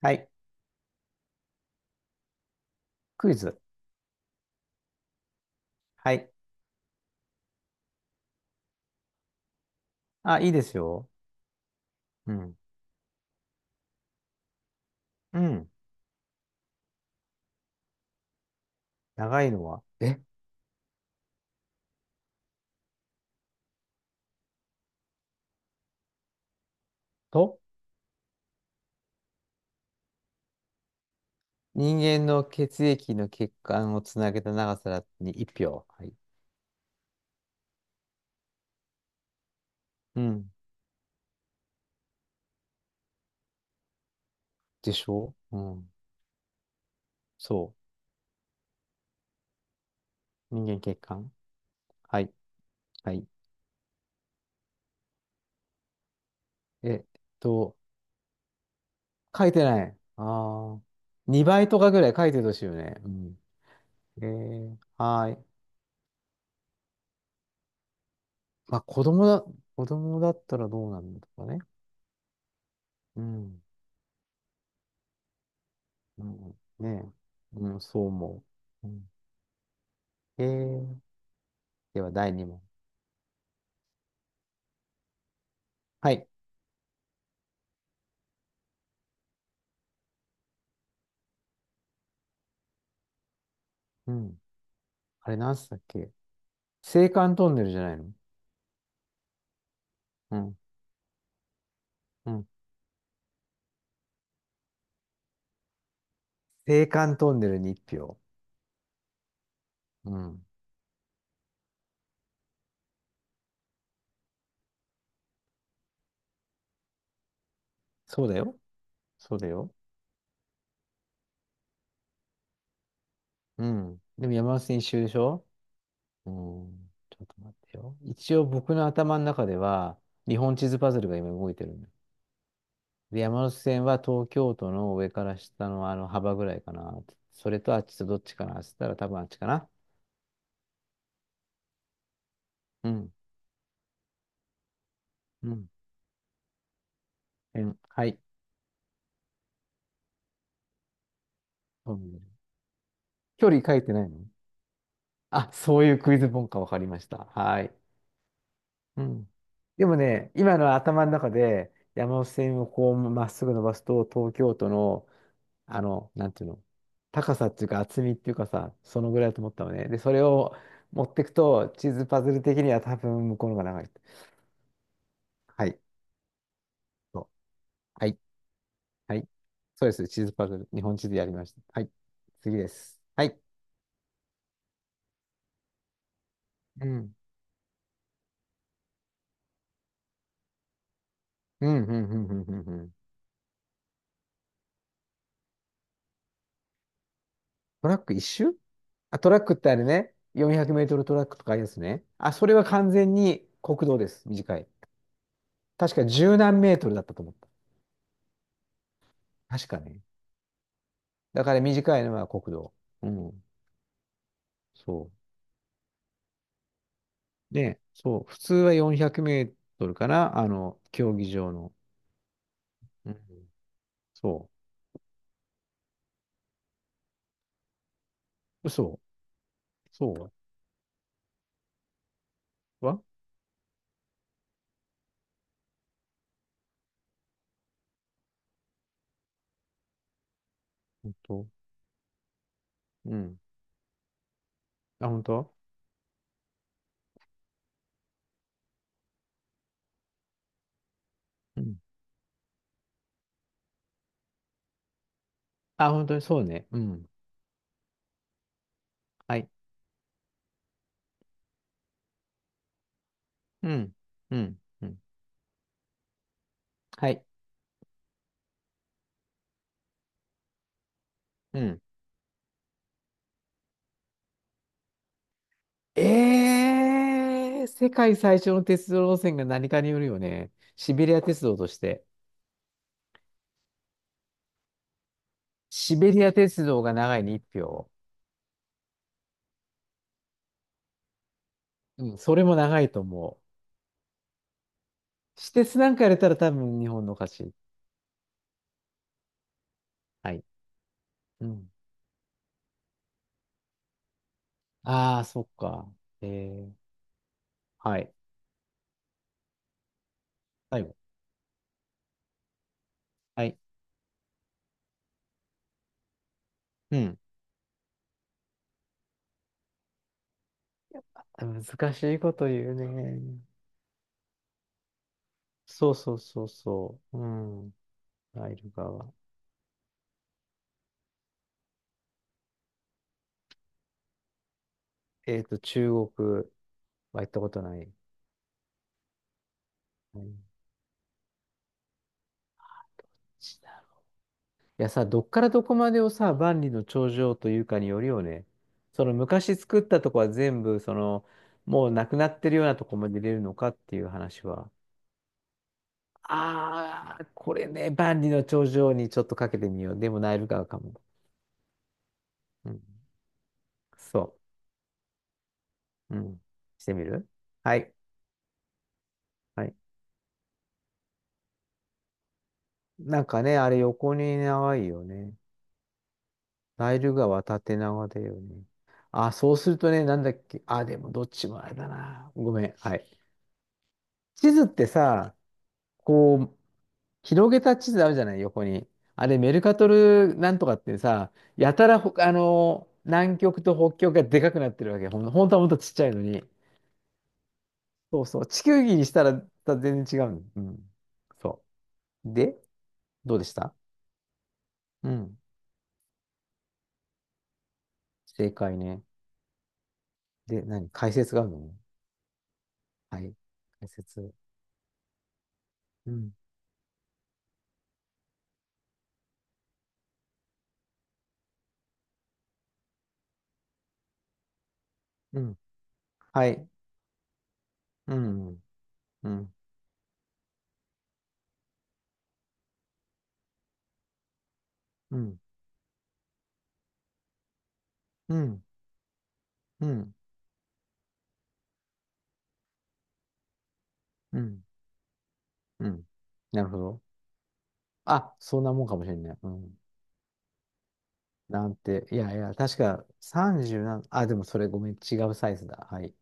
はい。クイズ。はい。あ、いいですよ。うん。うん。長いのは、と、人間の血液の血管をつなげた長さに1票。はい。うん。でしょう。うん。そう。人間血管。はい。はい。えっと、書いてない。ああ。2倍とかぐらい書いてほしいよね。うん。えー、はーい。まあ、子供だったらどうなんだとかね。うん。うん、ねえ。うん、そう思う。うん、えーでは、第2問。はい。うん。あれ、なんすったっけ？青函トンネルじゃないの？うん。うん。青函トンネルに1票。うん。そうだよ。そうだよ。うん。でも山手線一周でしょ？うん。ちょっと待ってよ。一応僕の頭の中では、日本地図パズルが今動いてるんだ。で、山手線は東京都の上から下のあの幅ぐらいかな。それとあっちとどっちかなって言ったら多分あっちかな。うん。うん。えんはい。トンネル距離書いてないの？あ、そういうクイズ本か。分かりました。はい。うん。でもね、今の頭の中で山手線をこうまっすぐ伸ばすと、東京都の、あの、なんていうの、高さっていうか厚みっていうかさ、そのぐらいだと思ったのね。で、それを持ってくと、地図パズル的には多分向こうの方が長い。はい。そうはい。はい。そうです。地図パズル。日本地図やりました。はい。次です。はい。うん。うん、うん、うん、うん、うん。うん。トラック一周？あ、トラックってあれね、400メートルトラックとかありますね。あ、それは完全に国道です。短い。確か十何メートルだったと思った。確かね。だから短いのは国道。うん。そう。で、そう。普通は400メートルかな。あの、競技場の。うん。そう。嘘。そうは本当？うん。あ、本当？うん。あ、本当にそうね。うん。はい。うん。うん。うん。はい。うん。ええ世界最初の鉄道路線が何かによるよね。シベリア鉄道として。シベリア鉄道が長いに1票。うん、それも長いと思う。私鉄なんかやれたら多分日本の勝ち。はい。うん。ああ、そっか。ええはい。最後。はい。うん。難しいこと言うね。そうそうそうそう。うん。ナイル川。中国は行ったことない。いいやさ、どっからどこまでをさ、万里の長城というかによるよね。その昔作ったとこは全部、その、もうなくなってるようなとこまで入れるのかっていう話は。ああ、これね、万里の長城にちょっとかけてみよう。でもナイル川かも。うん。そう。うん。してみる？はい。はい。なんかね、あれ横に長いよね。ナイル川縦長だよね。あ、そうするとね、なんだっけ。あ、でもどっちもあれだな。ごめん。はい。地図ってさ、こう、広げた地図あるじゃない、横に。あれ、メルカトルなんとかってさ、やたらほ、あの南極と北極がでかくなってるわけ。本当はもっとちっちゃいのに。そうそう。地球儀にしたら、た全然違うの。うん。そう。で、どうでした？うん。正解ね。で、何解説があるの？はい。解説。うん。うん。はい。うん。うん。うん。うん。うん。うん。うん。なるほど。あ、そんなもんかもしれない。うん。なんて、いやいや、確か30な、あ、でもそれごめん、違うサイズだ。はい。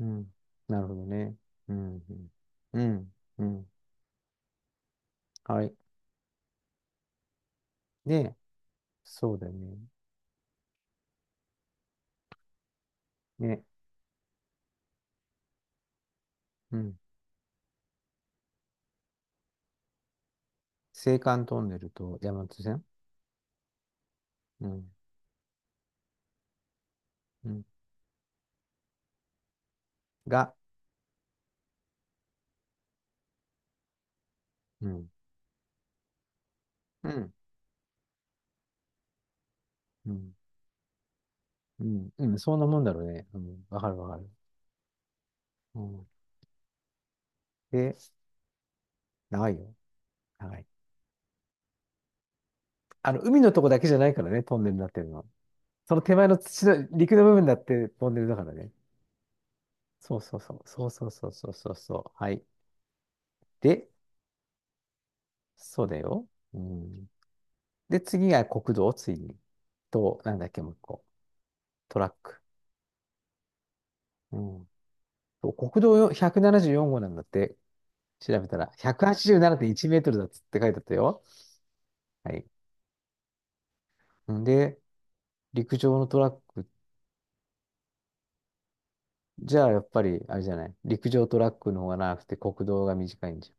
うん。なるほどね。うん。うん。うん。うん。はい。で、そうだよね。ね。うん。青函トンネルと山手線。うん。うん。が、うん。うん。うん。うん。うん。そんなもんだろうね。うん。わかるわかる。うん。で、長いよ。長い。あの、海のとこだけじゃないからね、トンネルになってるのは。その手前の土の、陸の部分だってトンネルだからね。そうそうそう、そうそうそうそうそうそう。はい。で、そうだよ。うん。で、次が国道、次。と、なんだっけ、もう一個。トラック。うん。そう国道よ174号なんだって、調べたら。187.1メートルだっつって書いてあったよ。はい。んで、陸上のトラック、じゃあやっぱり、あれじゃない。陸上トラックの方が長くて国道が短いんじ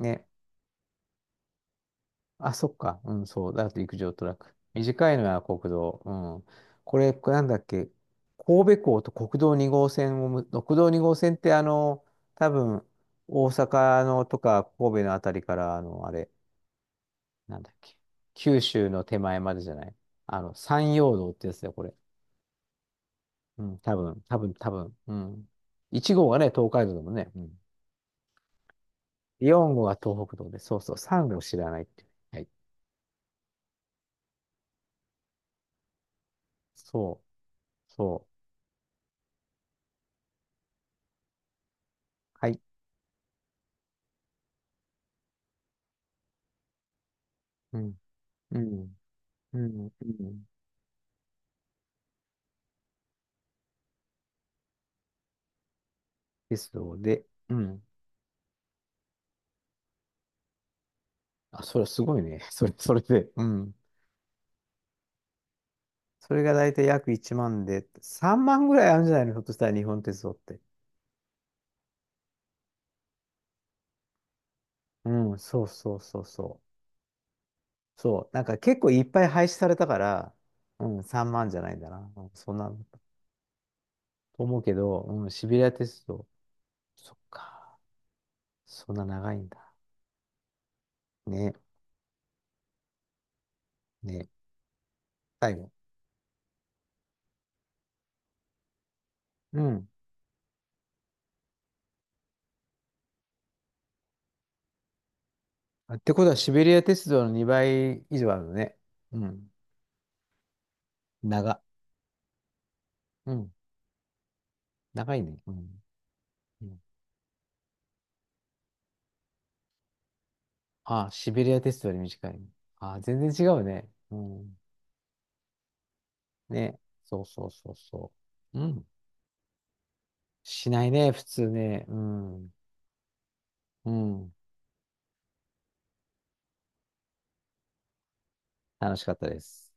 ゃん。ね。あ、そっか。うん、そう。だと陸上トラック。短いのは国道。うん。これ、なんだっけ。神戸港と国道2号線をむ、国道2号線ってあの、多分、大阪のとか神戸のあたりから、あの、あれ、なんだっけ。九州の手前までじゃない。あの、山陽道ってやつだよ、これ。うん、多分。うん。1号がね、東海道だもんね。うん。4号は東北道で、そうそう、3号知らないっていう。はい。そう、そう。はい。うん。うん。うん、うん。ですので、うん。あ、それはすごいね。それ、それで、うん。それが大体約1万で、3万ぐらいあるんじゃないの？ひょっとしたら日本鉄道って。うん、そうそうそうそう。そう、なんか結構いっぱい廃止されたから、うん、3万じゃないんだな。うん、そんな、と思うけど、うん、シベリア鉄道。そっか。そんな長いんだ。ね、ね。最後。うん。あってことはシベリア鉄道の2倍以上あるのね。うん。長。うん。長いね。うん。うん。あ、シベリアテストより短い。あ、全然違うね。うん。ね。そうそうそうそう。うん。しないね、普通ね。うん。うん。楽しかったです。